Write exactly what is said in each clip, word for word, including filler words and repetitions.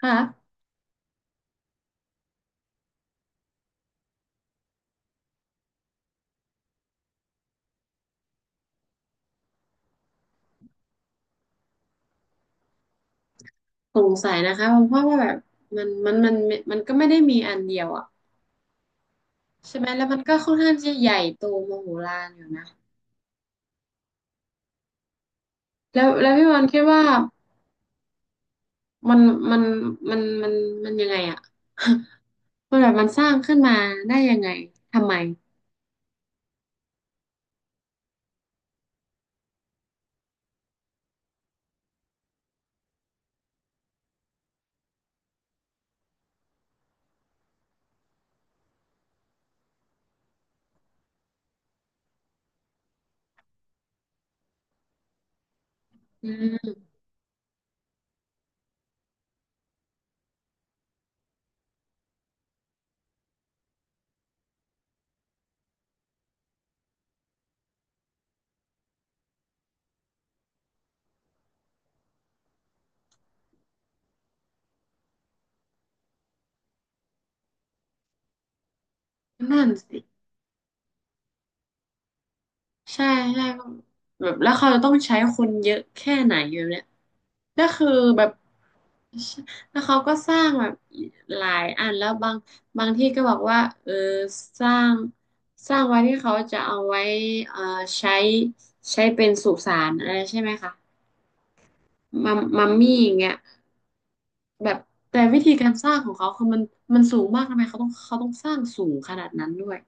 ค่ะสงสัยนะคะเพราะว่าแบบมันมันมันมันก็ไม่ได้มีอันเดียวอ่ะใช่ไหมแล้วมันก็ค่อนข้างที่จะใหญ่โตมโหฬารอยู่นะแล้วแล้วพี่วันคิดว่ามันมันมันมันมันยังไงอ่ะ มันแบบมันสร้างขึ้นมาได้ยังไงทำไมอืมนั่นสิ ใช่ใช่แบบแล้วเขาจะต้องใช้คนเยอะแค่ไหนอยู่เนี่ยก็คือแบบแล้วเขาก็สร้างแบบหลายอันแล้วบางบางที่ก็บอกว่าเออสร้างสร้างไว้ที่เขาจะเอาไว้เอ่อใช้ใช้เป็นสุสานอะไรใช่ไหมคะมัมมัมมี่อย่างเงี้ยแบบแต่วิธีการสร้างของเขาคือมันมันสูงมากทำไมเขาต้องเขาต้องสร้างสูงขนาดนั้นด้วย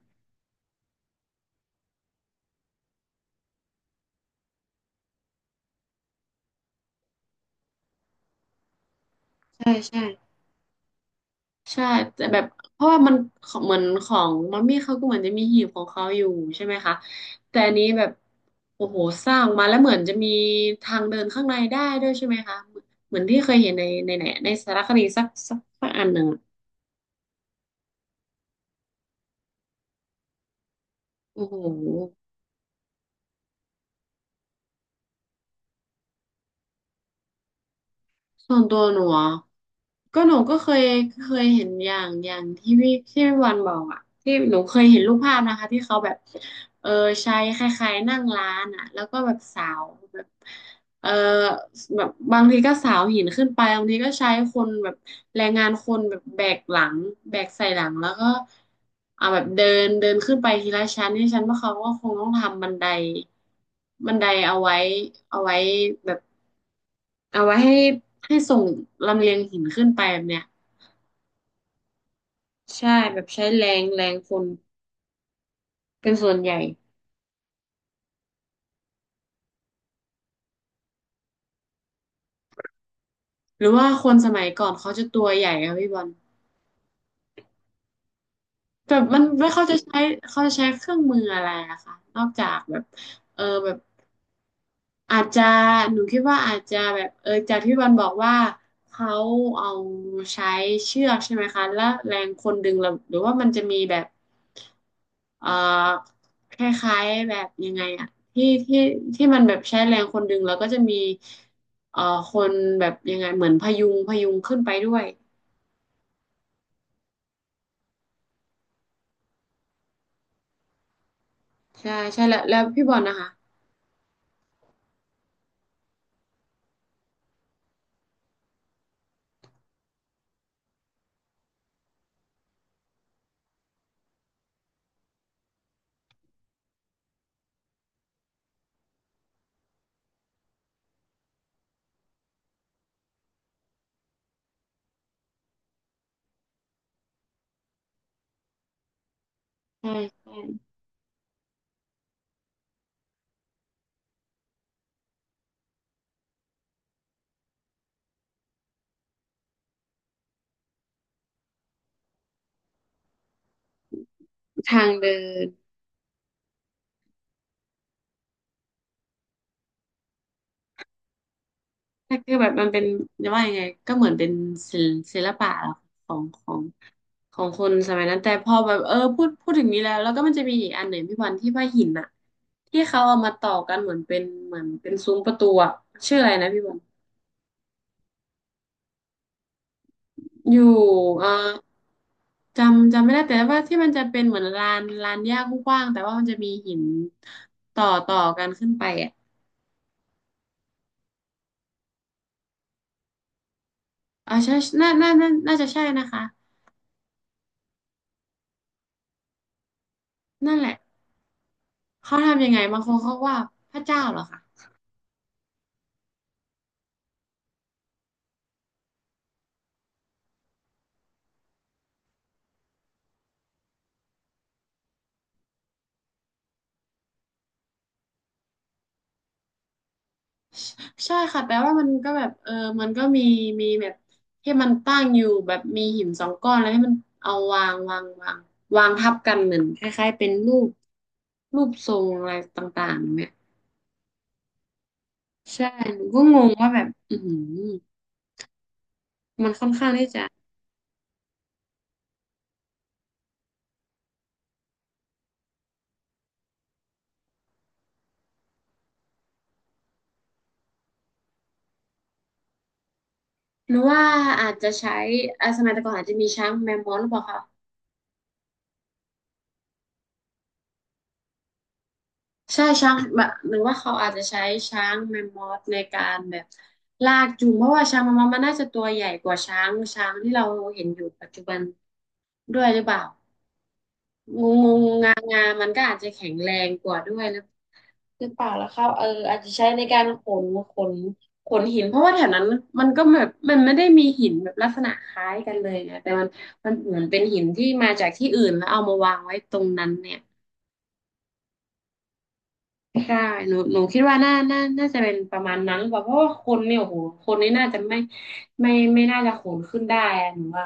ใช่ใช่ ใช่แต่แบบเพราะว่ามันของเหมือนของมัมมี่เขาก็เหมือนจะมีหีบของเขาอยู่ใช่ไหมคะแต่อันนี้แบบโอ้โหสร้างมาแล้วเหมือนจะมีทางเดินข้างในได้ด้วยใช่ไหมคะเหมือนที่เคยเห็นในในไหนในสารคดีสักสักสักอันหนึ่งอะโอ้โหส่วนตัวหนูอะ ก็หนูก็เคยเคยเห็นอย่างอย่างที่พี่ที่พี่วันบอกอ่ะที่หนูเคยเห็นรูปภาพนะคะที่เขาแบบเออใช้คล้ายๆนั่งร้านอ่ะแล้วก็แบบสาวแบบเออแบบบางทีก็สาวหินขึ้นไปบางทีก็ใช้คนแบบแรงงานคนแบบแบกหลังแบกใส่หลังแล้วก็เอาแบบเดินเดินขึ้นไปทีละชั้นที่ชั้นว่าเขาก็คงต้องทำบันไดบันไดเอาไว้เอาไว้แบบ เอาไว้ให้ให้ส่งลำเลียงหินขึ้นไปแบบเนี้ยใช่แบบใช้แรงแรงคนเป็นส่วนใหญ่หรือว่าคนสมัยก่อนเขาจะตัวใหญ่อะพี่บอลแบบมันไม่เขาจะใช้เขาจะใช้เครื่องมืออะไรอะคะนอกจากแบบเออแบบอาจจะหนูคิดว่าอาจจะแบบเออจากที่พี่บอลบอกว่าเขาเอาใช้เชือกใช่ไหมคะแล้วแรงคนดึงเราหรือว่ามันจะมีแบบ เอ่อคล้ายๆแบบยังไงอะที่ที่ที่มันแบบใช้แรงคนดึงแล้วก็จะมีเอ่อคนแบบยังไงเหมือนพยุงพยุงขึ้นไปด้วยใช่ใช่แล้วแล้วพี่บอลนะคะใช่ใช่ทางเดินแต่คือแบบมันเป็นจะว่ายังไงก็เหมือนเป็นศิลศิลปะของของของคนสมัยนั้นแต่พอแบบเออพูดพูดถึงนี้แล้วแล้วก็มันจะมีอีกอันหนึ่งพี่บอลที่ว่าหินอะที่เขาเอามาต่อกันเหมือนเป็นเหมือนเป็นซุ้มประตูอะชื่ออะไรนะพี่บอล อยู่เอ่อจำจำไม่ได้แต่ว่าที่มันจะเป็นเหมือนลานลานหญ้ากว้างๆแต่ว่ามันจะมีหินต่อต่อกันขึ้นไปอ่ะออใช่น่าน่าน่าน่าจะใช่นะคะ นั่นแหละเขาทำยังไงบางคนเขาว่าพระเจ้าเหรอคะใช่ใช่ค่ะแต่ว่ามันก็แบบเออมันก็มีมีแบบที่มันตั้งอยู่แบบมีหินสองก้อนแล้วให้มันเอาวางวางวางวางทับกันเหมือนคล้ายๆเป็นรูปรูปทรงอะไรต่างๆเนี่ยใช่หนูก็งงว่าแบบอือหือ มันค่อนข้างที่จะหนูว่าอาจจะใช้อ่าสมัยแต่ก่อนอาจจะมีช้างแมมมอสหรือเปล่าคะใช่ช้างแบบหรือว่าเขาอาจจะใช้ช้างแมมมอสในการแบบลากจูงเพราะว่าช้างแมมมอสมันน่าจะตัวใหญ่กว่าช้างช้างที่เราเห็นอยู่ปัจจุบันด้วยหรือเปล่างูงูงางามันก็อาจจะแข็งแรงกว่าด้วย คือเปล่ากแล้วครับเอออาจจะใช้ในการขนขนขนหินเพราะว่าแถวนั้นมันก็แบบมันไม่ได้มีหินแบบลักษณะคล้ายกันเลยไงแต่มันมันเหมือนเป็นหินที่มาจากที่อื่นแล้วเอามาวางไว้ตรงนั้นเนี่ยใช่หนูหนูคิดว่าน่าน่าน่าจะเป็นประมาณนั้นหรือเปล่าเพราะว่าคนเนี่ยโอ้โหคนนี่น่าจะไม่ไม่ไม่น่าจะขนขึ้นได้อะหนูว่า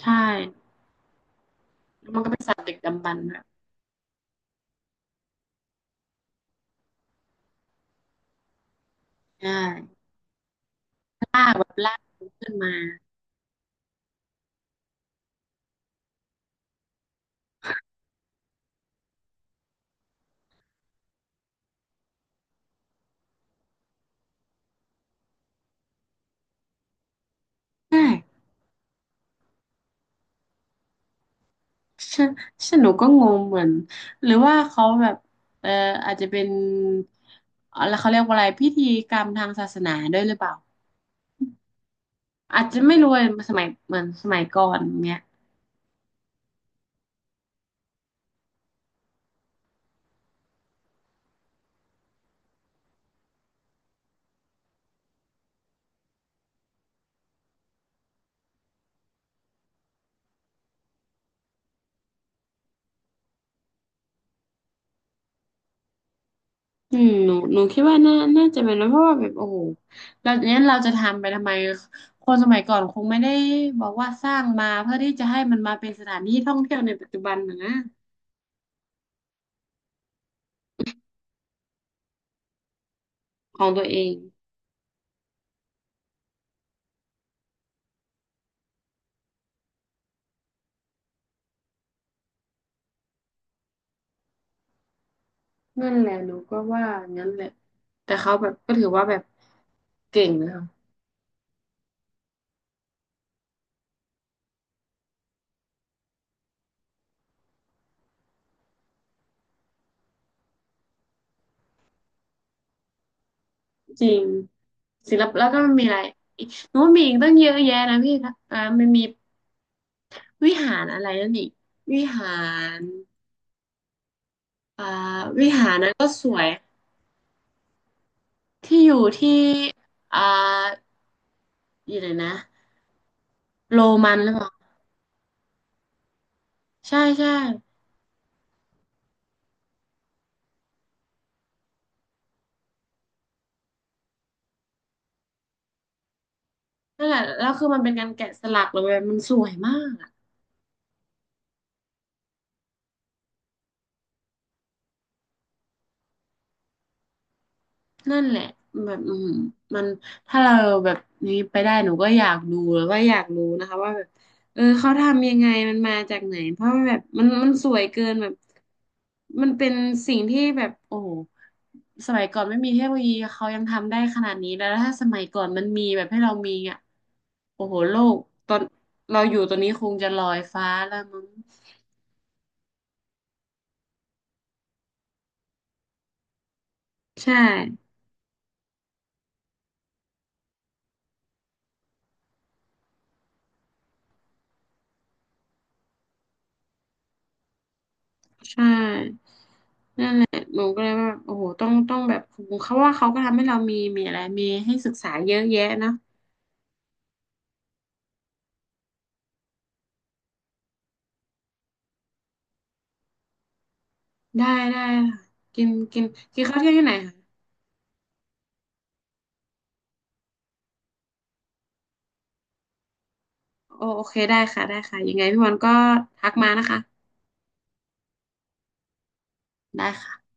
ใช่แล้วมันก็เป็นสัตว์ดึกดำบรรพ์อะใช่ลากแบบลากขึ้นมาใช่ ฉันฉันหนูก็งงเหมือน หรือว่าเขาแบบเอออาจจะเป็นอะไรเขาเรียกว่าอะไรพิธีกรรมทางศาสนาด้วยหรือเปล่าอาจจะไม่รู้เลยสมัยเหมือนสมัยก่อนเนี้ยอืมหนูหนูคิดว่าน่าน่าจะเป็นนะเพราะว่าแบบโอ้โหเราเนี้ยเราจะทำไปทำไมคนสมัยก่อนคงไม่ได้บอกว่าสร้างมาเพื่อที่จะให้มันมาเป็นสถานที่ท่องเที่ยวในปัจจุบันนะนะของตัวเองนั่นแหละหนูก็ว่างั้นแหละแต่เขาแบบก็ถือว่าแบบเก่งนะคะ จริงศิลปแล้วก็มันมีอะไรอีกโน้นมีอีกตั้งเยอะแยะนะพี่นะับอามันมีวิหารอะไรนั่นอีกวิหารอ่าวิหารนั้นก็สวยที่อยู่ที่อ่าอยู่ไหนนะโรมันหรือเปล่าใช่ใช่นั่นแหละแล้วคือมันเป็นการแกะสลักเลยมันสวยมาก นั่นแหละแบบอืมมันถ้าเราแบบนี้ไปได้หนูก็อยากดูแล้วก็อยากรู้นะคะว่าแบบเออเขาทำยังไงมันมาจากไหนเพราะว่าแบบมันมันสวยเกินแบบมันเป็นสิ่งที่แบบโอ้โหสมัยก่อนไม่มีเทคโนโลยีเขายังทำได้ขนาดนี้แล้วถ้าสมัยก่อนมันมีแบบให้เรามีอ่ะโอ้โหโลกตอนเราอยู่ตอนนี้คงจะลอยฟ้าแล้วมั้งใช่ใช่ หนูก็เลยว่าโอ้โหต้องต้องแบบเขาว่าเขาก็ทำให้เรามีมีอะไรมีให้ศึกษาเยอะแยะเนาะได้ได้ค่ะกินกินกินข้าวเที่ยงที่ไหนคะโอโอเคได้ค่ะได้ค่ะยังไงพี่วันก็ทักมานะคะได้ค่ะ